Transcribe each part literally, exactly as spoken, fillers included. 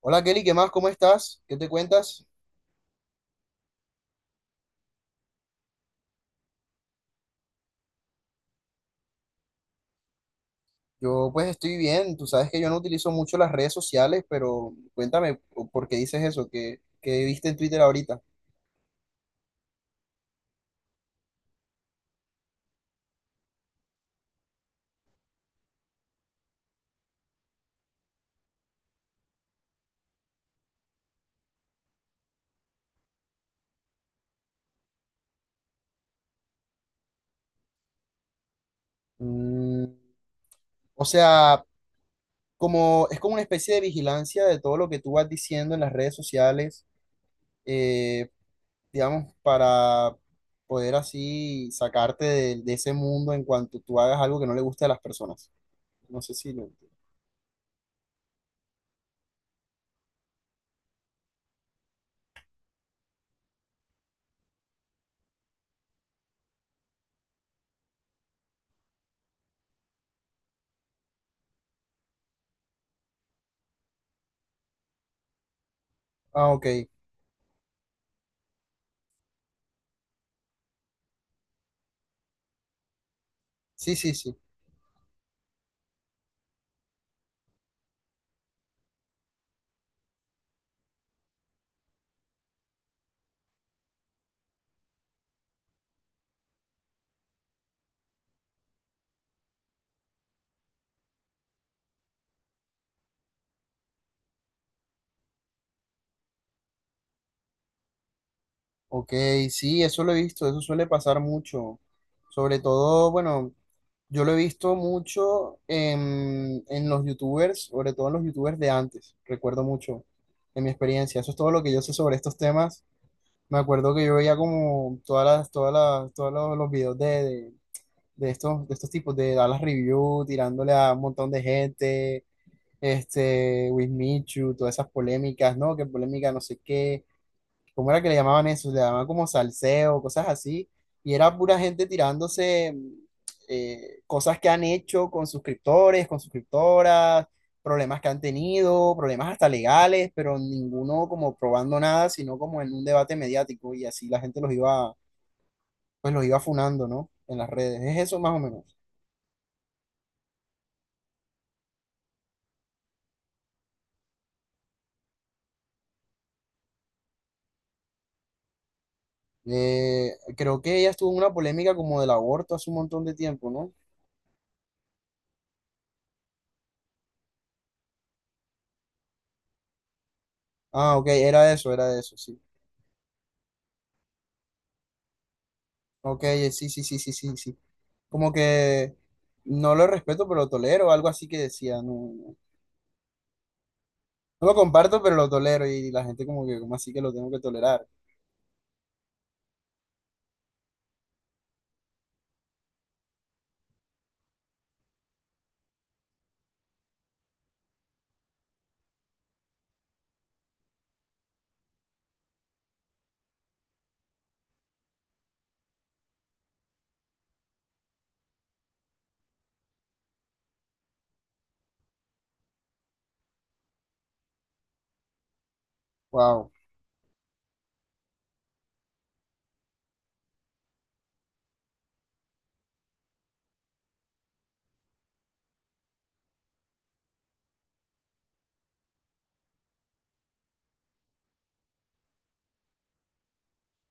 Hola Kelly, ¿qué más? ¿Cómo estás? ¿Qué te cuentas? Yo pues estoy bien, tú sabes que yo no utilizo mucho las redes sociales, pero cuéntame por qué dices eso, que, que viste en Twitter ahorita. Mm, o sea, como es como una especie de vigilancia de todo lo que tú vas diciendo en las redes sociales, eh, digamos, para poder así sacarte de, de ese mundo en cuanto tú hagas algo que no le guste a las personas. No sé si lo... Ah, ok. Sí, sí, sí. Ok, sí, eso lo he visto, eso suele pasar mucho. Sobre todo, bueno, yo lo he visto mucho en, en los youtubers, sobre todo en los youtubers de antes, recuerdo mucho en mi experiencia. Eso es todo lo que yo sé sobre estos temas. Me acuerdo que yo veía como todas las, todas las, todos los, los videos de, de, de estos, de estos tipos de Dallas Review, tirándole a un montón de gente, este, Wismichu, todas esas polémicas, ¿no? Que polémica no sé qué, ¿cómo era que le llamaban eso? Le llamaban como salseo, cosas así, y era pura gente tirándose eh, cosas que han hecho con suscriptores, con suscriptoras, problemas que han tenido, problemas hasta legales, pero ninguno como probando nada, sino como en un debate mediático, y así la gente los iba, pues los iba funando, ¿no? En las redes, es eso más o menos. Eh, creo que ella estuvo en una polémica como del aborto hace un montón de tiempo, ¿no? Ah, ok, era eso, era eso, sí. Ok, eh, sí, sí, sí, sí, sí, sí. Como que no lo respeto, pero lo tolero, algo así que decía, no, no, no lo comparto, pero lo tolero y la gente como que, ¿cómo así que lo tengo que tolerar? Wow.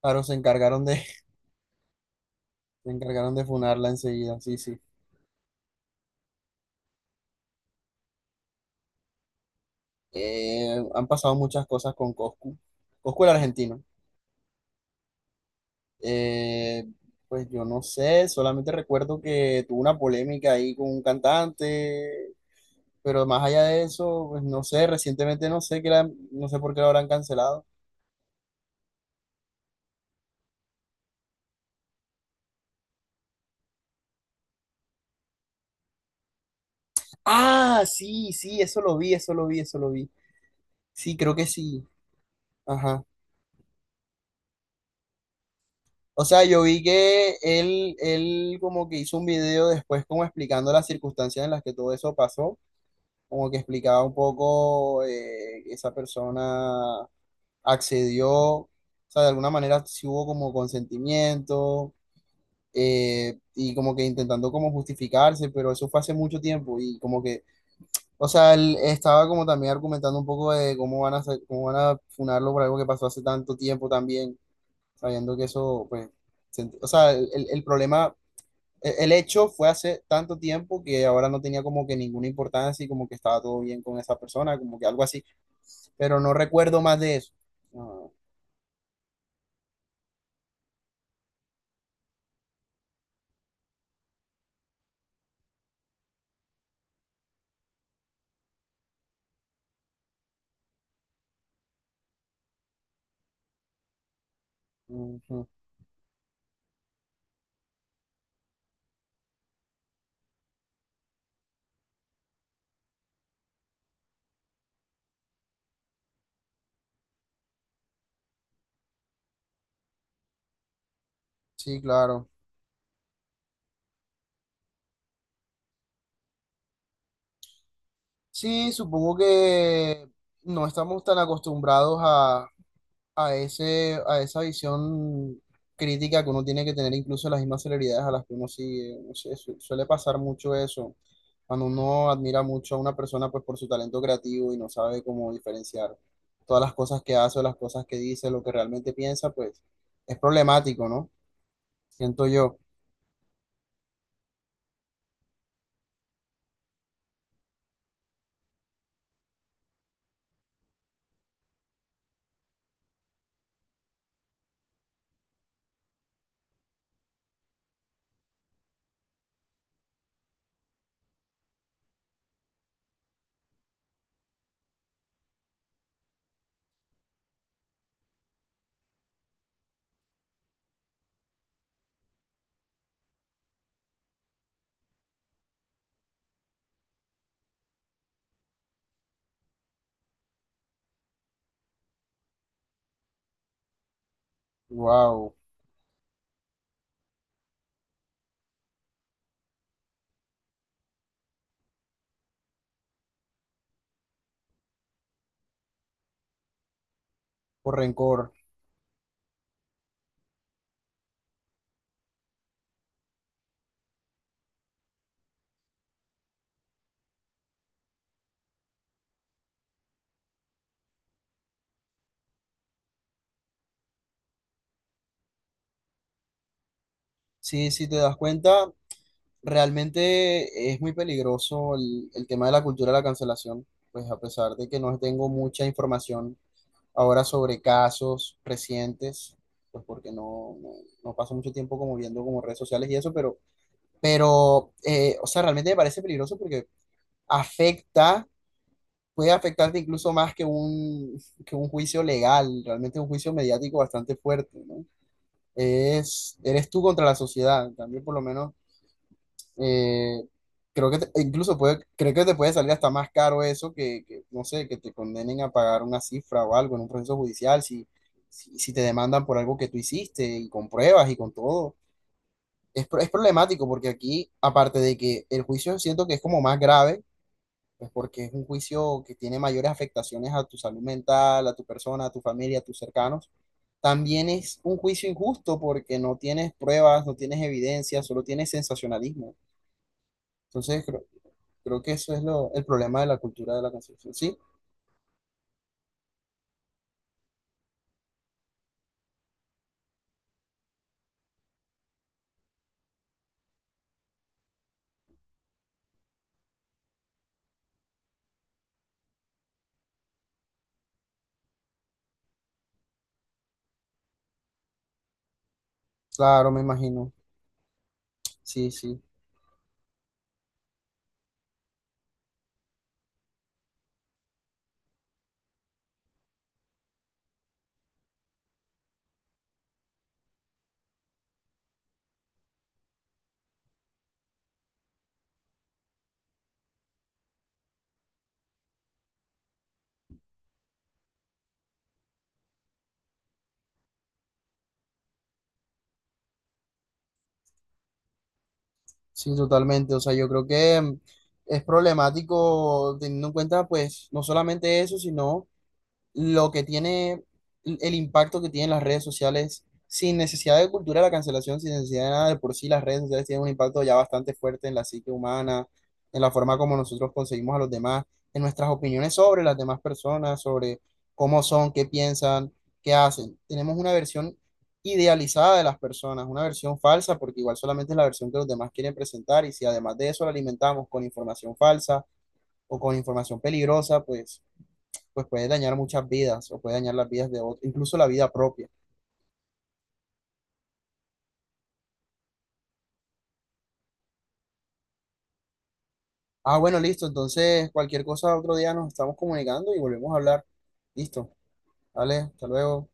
Claro, se encargaron de, se encargaron de funarla enseguida, sí, sí. Eh, han pasado muchas cosas con Coscu. Coscu el argentino. Eh, pues yo no sé, solamente recuerdo que tuvo una polémica ahí con un cantante, pero más allá de eso, pues no sé, recientemente no sé qué la- no sé por qué lo habrán cancelado. Ah, sí, sí, eso lo vi, eso lo vi, eso lo vi. Sí, creo que sí. Ajá. O sea, yo vi que él, él como que hizo un video después como explicando las circunstancias en las que todo eso pasó, como que explicaba un poco eh, esa persona accedió, o sea, de alguna manera sí hubo como consentimiento eh, y como que intentando como justificarse, pero eso fue hace mucho tiempo y como que... O sea, él estaba como también argumentando un poco de cómo van a hacer- cómo van a funarlo por algo que pasó hace tanto tiempo también, sabiendo que eso, pues, se ent- o sea, el, el- el problema, el, el hecho fue hace tanto tiempo que ahora no tenía como que ninguna importancia y como que estaba todo bien con esa persona, como que algo así, pero no recuerdo más de eso. Ah, ujú. Sí, claro. Sí, supongo que no estamos tan acostumbrados a ese, a esa visión crítica que uno tiene que tener incluso las mismas celebridades a las que uno sigue. No sé, su- suele pasar mucho eso. Cuando uno admira mucho a una persona pues por su talento creativo y no sabe cómo diferenciar todas las cosas que hace o las cosas que dice, lo que realmente piensa, pues es problemático, ¿no? Siento yo. Wow, por rencor. Sí, si te das cuenta, realmente es muy peligroso el, el tema de la cultura de la cancelación, pues a pesar de que no tengo mucha información ahora sobre casos recientes, pues porque no, no, no paso mucho tiempo como viendo como redes sociales y eso, pero, pero eh, o sea, realmente me parece peligroso porque afecta, puede afectarte incluso más que un, que un, juicio legal, realmente un juicio mediático bastante fuerte, ¿no? Es, eres tú contra la sociedad, también por lo menos eh, creo que te- incluso puede, creo que te puede salir hasta más caro eso que, que, no sé, que te condenen a pagar una cifra o algo en un proceso judicial, si, si, si te demandan por algo que tú hiciste y con pruebas y con todo. Es, pro- es problemático porque aquí, aparte de que el juicio siento que es como más grave, pues porque es un juicio que tiene mayores afectaciones a tu salud mental, a tu persona, a tu familia, a tus cercanos. También es un juicio injusto porque no tienes pruebas, no tienes evidencia, solo tienes sensacionalismo. Entonces, creo- Creo que eso es lo, el problema de la cultura de la cancelación. Sí, claro, me imagino. Sí, sí, sí, totalmente. O sea, yo creo que mm, es problemático teniendo en cuenta, pues, no solamente eso, sino lo que tiene, el impacto que tienen las redes sociales, sin necesidad de cultura de la cancelación, sin necesidad de nada, de por sí las redes sociales tienen un impacto ya bastante fuerte en la psique humana, en la forma como nosotros conseguimos a los demás, en nuestras opiniones sobre las demás personas, sobre cómo son, qué piensan, qué hacen. Tenemos una versión idealizada de las personas, una versión falsa, porque igual solamente es la versión que los demás quieren presentar, y si además de eso la alimentamos con información falsa o con información peligrosa, pues pues puede dañar muchas vidas o puede dañar las vidas de otros, incluso la vida propia. Ah, bueno, listo. Entonces, cualquier cosa otro día nos estamos comunicando y volvemos a hablar. Listo. Vale, hasta luego.